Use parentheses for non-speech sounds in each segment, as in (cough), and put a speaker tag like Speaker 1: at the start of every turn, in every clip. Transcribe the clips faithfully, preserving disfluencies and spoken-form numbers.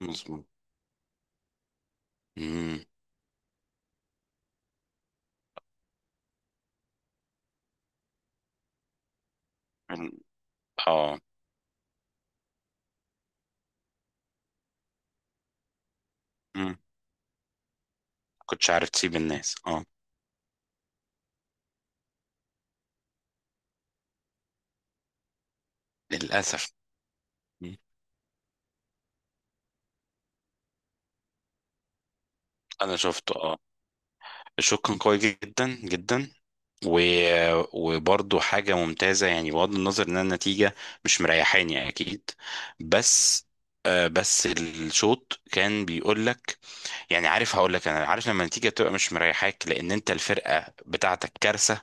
Speaker 1: مظبوط. امم اه امم كنتش عارف تسيب الناس، اه. للاسف. مم. انا شفته، اه. الشوط كان قوي جدا جدا. و... وبرضه حاجه ممتازه، يعني بغض النظر ان النتيجه مش مريحاني اكيد، بس. آه بس الشوط كان بيقول لك، يعني عارف هقول لك، انا عارف لما النتيجه تبقى مش مريحاك لان انت الفرقه بتاعتك كارثه،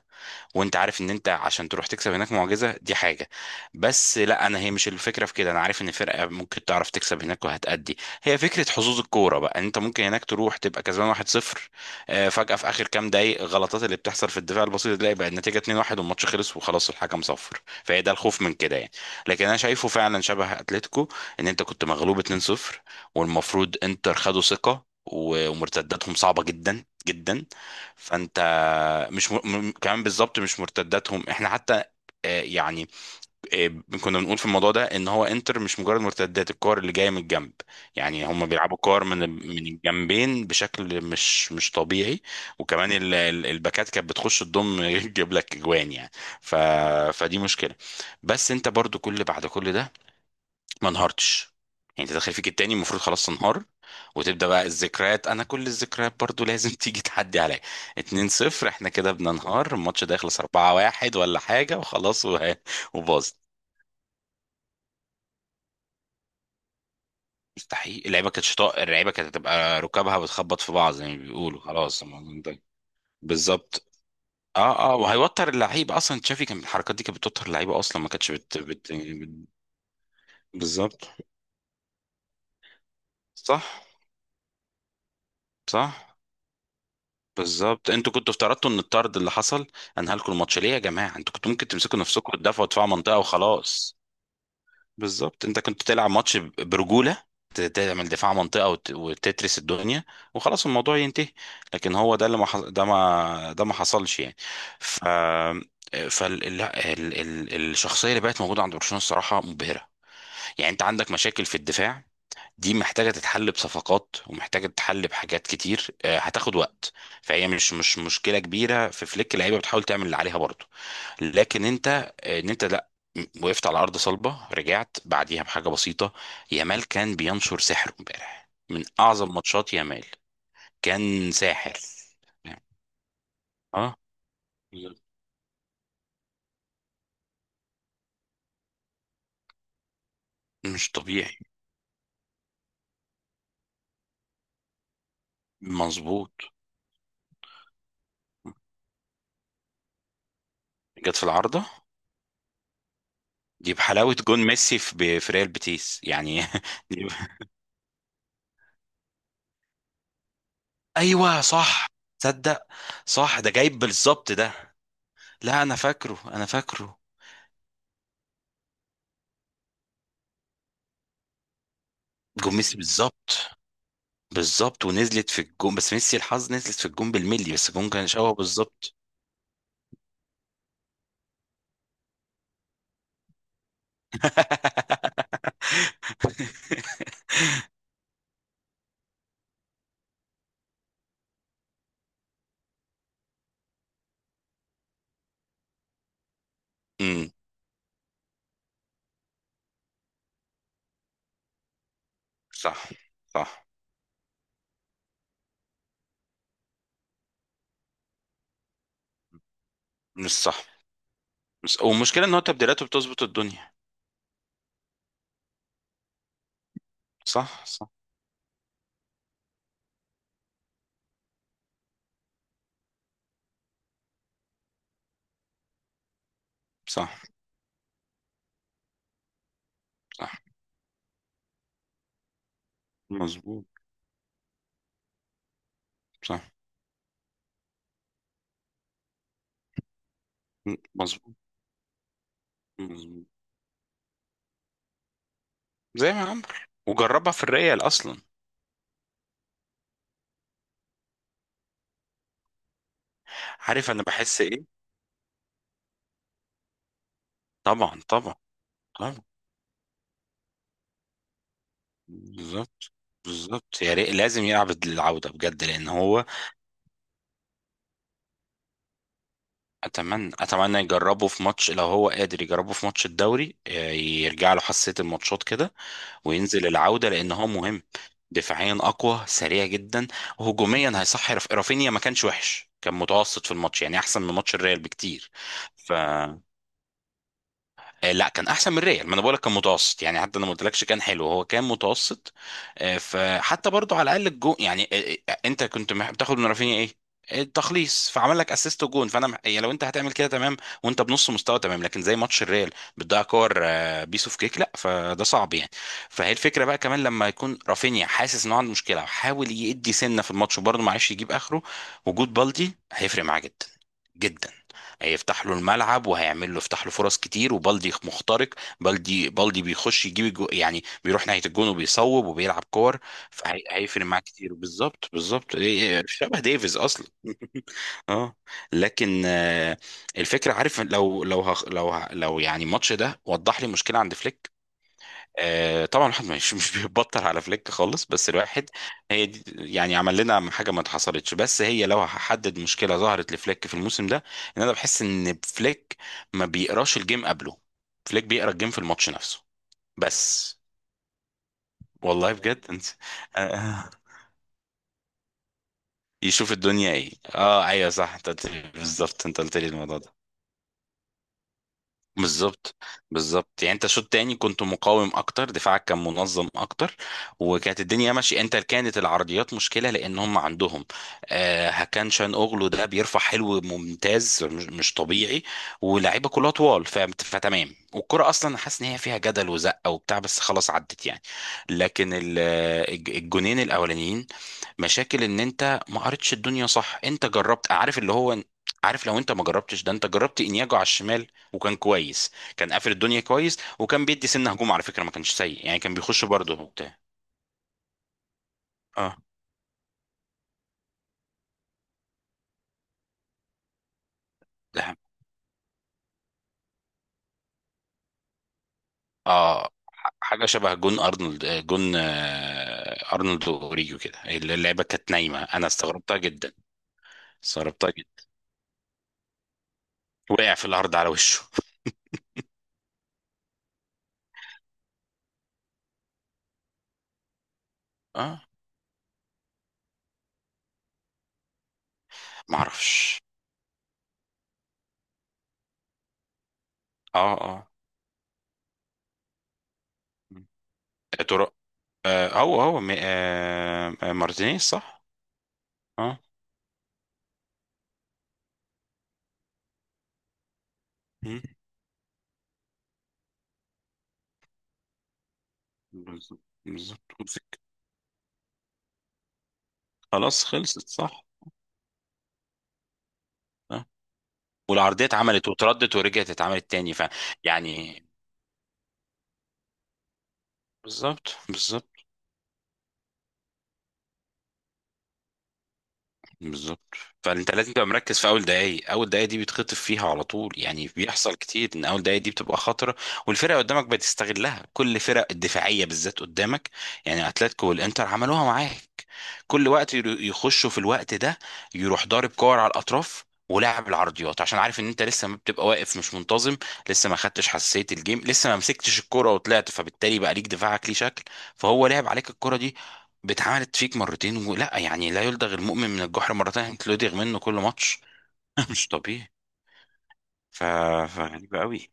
Speaker 1: وانت عارف ان انت عشان تروح تكسب هناك معجزه، دي حاجه. بس لا، انا هي مش الفكره في كده. انا عارف ان فرقه ممكن تعرف تكسب هناك وهتأدي. هي فكره حظوظ الكوره بقى، ان انت ممكن هناك تروح تبقى كسبان واحد صفر، آه، فجاه في اخر كام دقايق غلطات اللي بتحصل في الدفاع البسيط تلاقي بقى النتيجه اتنين واحد والماتش خلص وخلاص الحكم صفر. فهي ده الخوف من كده يعني. لكن انا شايفه فعلا شبه اتلتيكو، ان انت كنت مغلوب اتنين صفر، والمفروض انتر خدوا ثقه، و- ومرتداتهم صعبه جدا جدا. فانت مش م... م- كمان بالظبط، مش مرتداتهم احنا حتى. آه، يعني آه، كنا بنقول في الموضوع ده ان هو انتر مش مجرد مرتدات الكور اللي جايه من الجنب. يعني هم بيلعبوا كور من من الجنبين بشكل مش مش طبيعي. وكمان ال- ال- الباكات كانت بتخش تضم (laughs) تجيب لك اجوان يعني. ف... فدي مشكله. بس انت برضو، كل بعد كل ده، ما انهارتش. يعني تدخل فيك التاني المفروض خلاص تنهار، وتبدا بقى الذكريات. انا كل الذكريات برضو لازم (laughs) تيجي تعدي عليا. اتنين صفر احنا كده بننهار، الماتش ده يخلص اربعه واحد ولا حاجه وخلاص وه- (laughs) وباظ. مستحيل، اللعيبه كانت شطاء، اللعيبه كانت هتبقى ركابها بتخبط في بعض زي ما بيقولوا، خلاص الموضوع انتهى. بالظبط. اه، اه، وهيوتر اللعيب اصلا. تشافي كان الحركات دي كانت بتوتر اللعيبه اصلا، ما كانتش بت... بت... بت... بالظبط. صح، صح، بالظبط، انتوا كنتوا افترضتوا ان الطرد اللي حصل انهى لكم الماتش. ليه يا جماعه، انتوا كنتوا ممكن تمسكوا نفسكم وتدافعوا دفاع منطقه وخلاص. بالظبط، انت كنت تلعب ماتش ب- برجوله، ت- تعمل دفاع منطقه، وت- وتترس الدنيا وخلاص الموضوع ينتهي. لكن هو ده اللي ما حص- ده ما ده ما حصلش يعني. ف فال ال... ال... ال... الشخصيه اللي بقت موجوده عند برشلونه الصراحه مبهره. يعني انت عندك مشاكل في الدفاع، دي محتاجة تتحل بصفقات ومحتاجة تتحل بحاجات كتير، آه، هتاخد وقت. فهي مش مش مشكلة كبيرة في فليك، اللعيبة بتحاول تعمل اللي عليها برضه. لكن انت، آه، ان انت لا م- وقفت على أرض صلبة، رجعت بعديها بحاجة بسيطة. يامال كان بينشر سحره امبارح، من أعظم ماتشات يامال. كان ساحر. اه، مش طبيعي. مظبوط. جت في العارضة. دي بحلاوة جون ميسي في في ريال بيتيس يعني (laughs) دي. ايوه، صح. تصدق، صح، ده جايب بالظبط ده. لا، انا فاكره انا فاكره. جون ميسي، بالظبط. بالظبط، ونزلت في الجون، بس ميسي الحظ نزلت في الجون بالملي، بس الجون كان شبهه بالظبط. (laughs) امم. صح، صح. مش صح مش والمشكله ان هو تبديلاته بتظبط الدنيا. صح، صح، صح، صح. مظبوط، صح، م- مظبوط، مظبوط زي ما عمرو. وجربها في الريال اصلا. عارف انا بحس ايه. طبعا، طبعا، طبعا، بالظبط. بالظبط، يا ريت لازم يلعب العودة بجد لأن هو. أتمنى أتمنى يجربه في ماتش، لو هو قادر يجربه في ماتش الدوري، آه، يرجع له حساسية الماتشات كده. وينزل العودة لأن هو مهم. دفاعيا أقوى، سريع جدا، وهجوميا هيصحي. رف- رافينيا ما كانش وحش، كان متوسط في الماتش، يعني أحسن من ماتش الريال بكتير. ف آه، لا، كان احسن من ريال. ما انا بقولك كان متوسط يعني، حتى انا ما قلتلكش كان حلو، هو كان متوسط. آه، فحتى برضو على الاقل الجون يعني. آه، آه، آه، انت كنت مح- بتاخد من رافينيا ايه؟ التخليص. فعمل لك اسيست وجون، فانا مح- يعني لو انت هتعمل كده تمام، وانت بنص مستوى تمام. لكن زي ماتش الريال بتضيع كور، آه، بيس اوف كيك، لا، فده صعب يعني. فهي الفكره بقى، كمان لما يكون رافينيا حاسس انه عنده مشكله وحاول يدي سنه في الماتش وبرضه ما عرفش يجيب اخره، وجود بالدي هيفرق معاه جدا جدا. هيفتح له الملعب، وهيعمل له يفتح له فرص كتير، وبالدي مخترق. بالدي بالدي بيخش يجيب الجو، يعني بيروح ناحية الجون وبيصوب وبيلعب كور. فهيفرق معاه كتير، بالظبط، بالظبط. إيه- شبه ديفيز اصلا (laughs) اه. لكن آه، الفكرة، عارف، لو لو هخ- لو ه- لو يعني الماتش ده وضح لي مشكلة عند فليك. آه، طبعا الواحد مش مش بيبطل على فليك خالص، بس الواحد. هي دي، يعني عمل لنا حاجه ما اتحصلتش، بس هي لو هحدد مشكله ظهرت لفليك في الموسم ده، ان انا بحس ان فليك ما بيقراش الجيم قبله. فليك بيقرا الجيم في الماتش نفسه. بس والله بجد انت. (laughs) آه، آه. يشوف الدنيا ايه. اه، ايوه، صح، انت قلت لي بالظبط، انت قلت لي الموضوع ده. بالظبط، بالظبط، يعني انت شوط تاني كنت مقاوم اكتر، دفاعك كان منظم اكتر، وكانت الدنيا ماشيه. انت كانت العرضيات مشكله لان هم عندهم، آه هكان شان اوغلو ده بيرفع حلو، ممتاز، مش مش طبيعي، ولاعيبه كلها طوال، ف- فتمام. والكره اصلا حاسس ان هي فيها جدل وزقه وبتاع، بس خلاص عدت يعني. لكن ال- الج- الجونين الاولانيين، مشاكل ان انت ما قريتش الدنيا صح. انت جربت، عارف اللي هو. عارف، لو انت ما جربتش ده، انت جربت انياجو على الشمال وكان كويس. كان قافل الدنيا كويس، وكان بيدي سنة هجوم على فكرة، ما كانش سيء يعني، كان بيخش برضه وبتاع. اه، ده، اه، ح- حاجة شبه جون أرنولد، آه، جون آه، أرنولد وأوريجو كده. اللعبة كانت نايمة، أنا استغربتها جدا، استغربتها جدا. وقع في الأرض على وشه. اه، ما أعرفش. اه، اه. يا ترى. آه هو هو م- آه آه، مارتينيز، صح. اه. مم. بالظبط، بالظبط. وفك- خلاص خلصت، صح. والعرضية اتعملت واتردت، ورجعت اتعملت تاني. ف يعني بالظبط، بالظبط، بالظبط. فانت لازم تبقى مركز في اول دقايق، اول دقايق دي بيتخطف فيها على طول. يعني بيحصل كتير ان اول دقايق دي بتبقى خطره، والفرقه قدامك بتستغلها. كل فرق الدفاعيه بالذات قدامك، يعني اتلتيكو والانتر عملوها معاك. كل وقت يرو- يخشوا في الوقت ده، يروح ضارب كور على الاطراف، ولاعب العرضيات، عشان عارف ان انت لسه ما بتبقى واقف مش منتظم، لسه ما خدتش حساسيه الجيم، لسه ما مسكتش الكره وطلعت، فبالتالي بقى ليك دفاعك ليه شكل. فهو لعب عليك الكره دي، باتعملت فيك مرتين، ولا يعني لا يلدغ المؤمن من الجحر مرتين، انت لدغ منه كل ماتش. (laughs) مش طبيعي. ف... فغريبة قوي.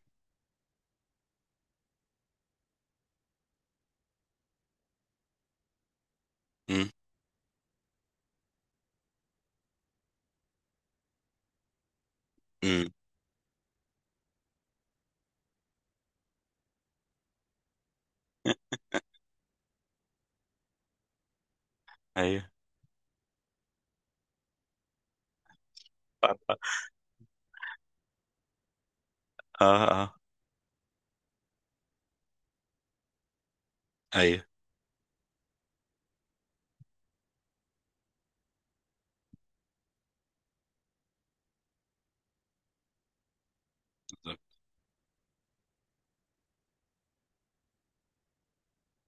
Speaker 1: امم. امم. (laughs) ايوه، اه، اه، ايوه.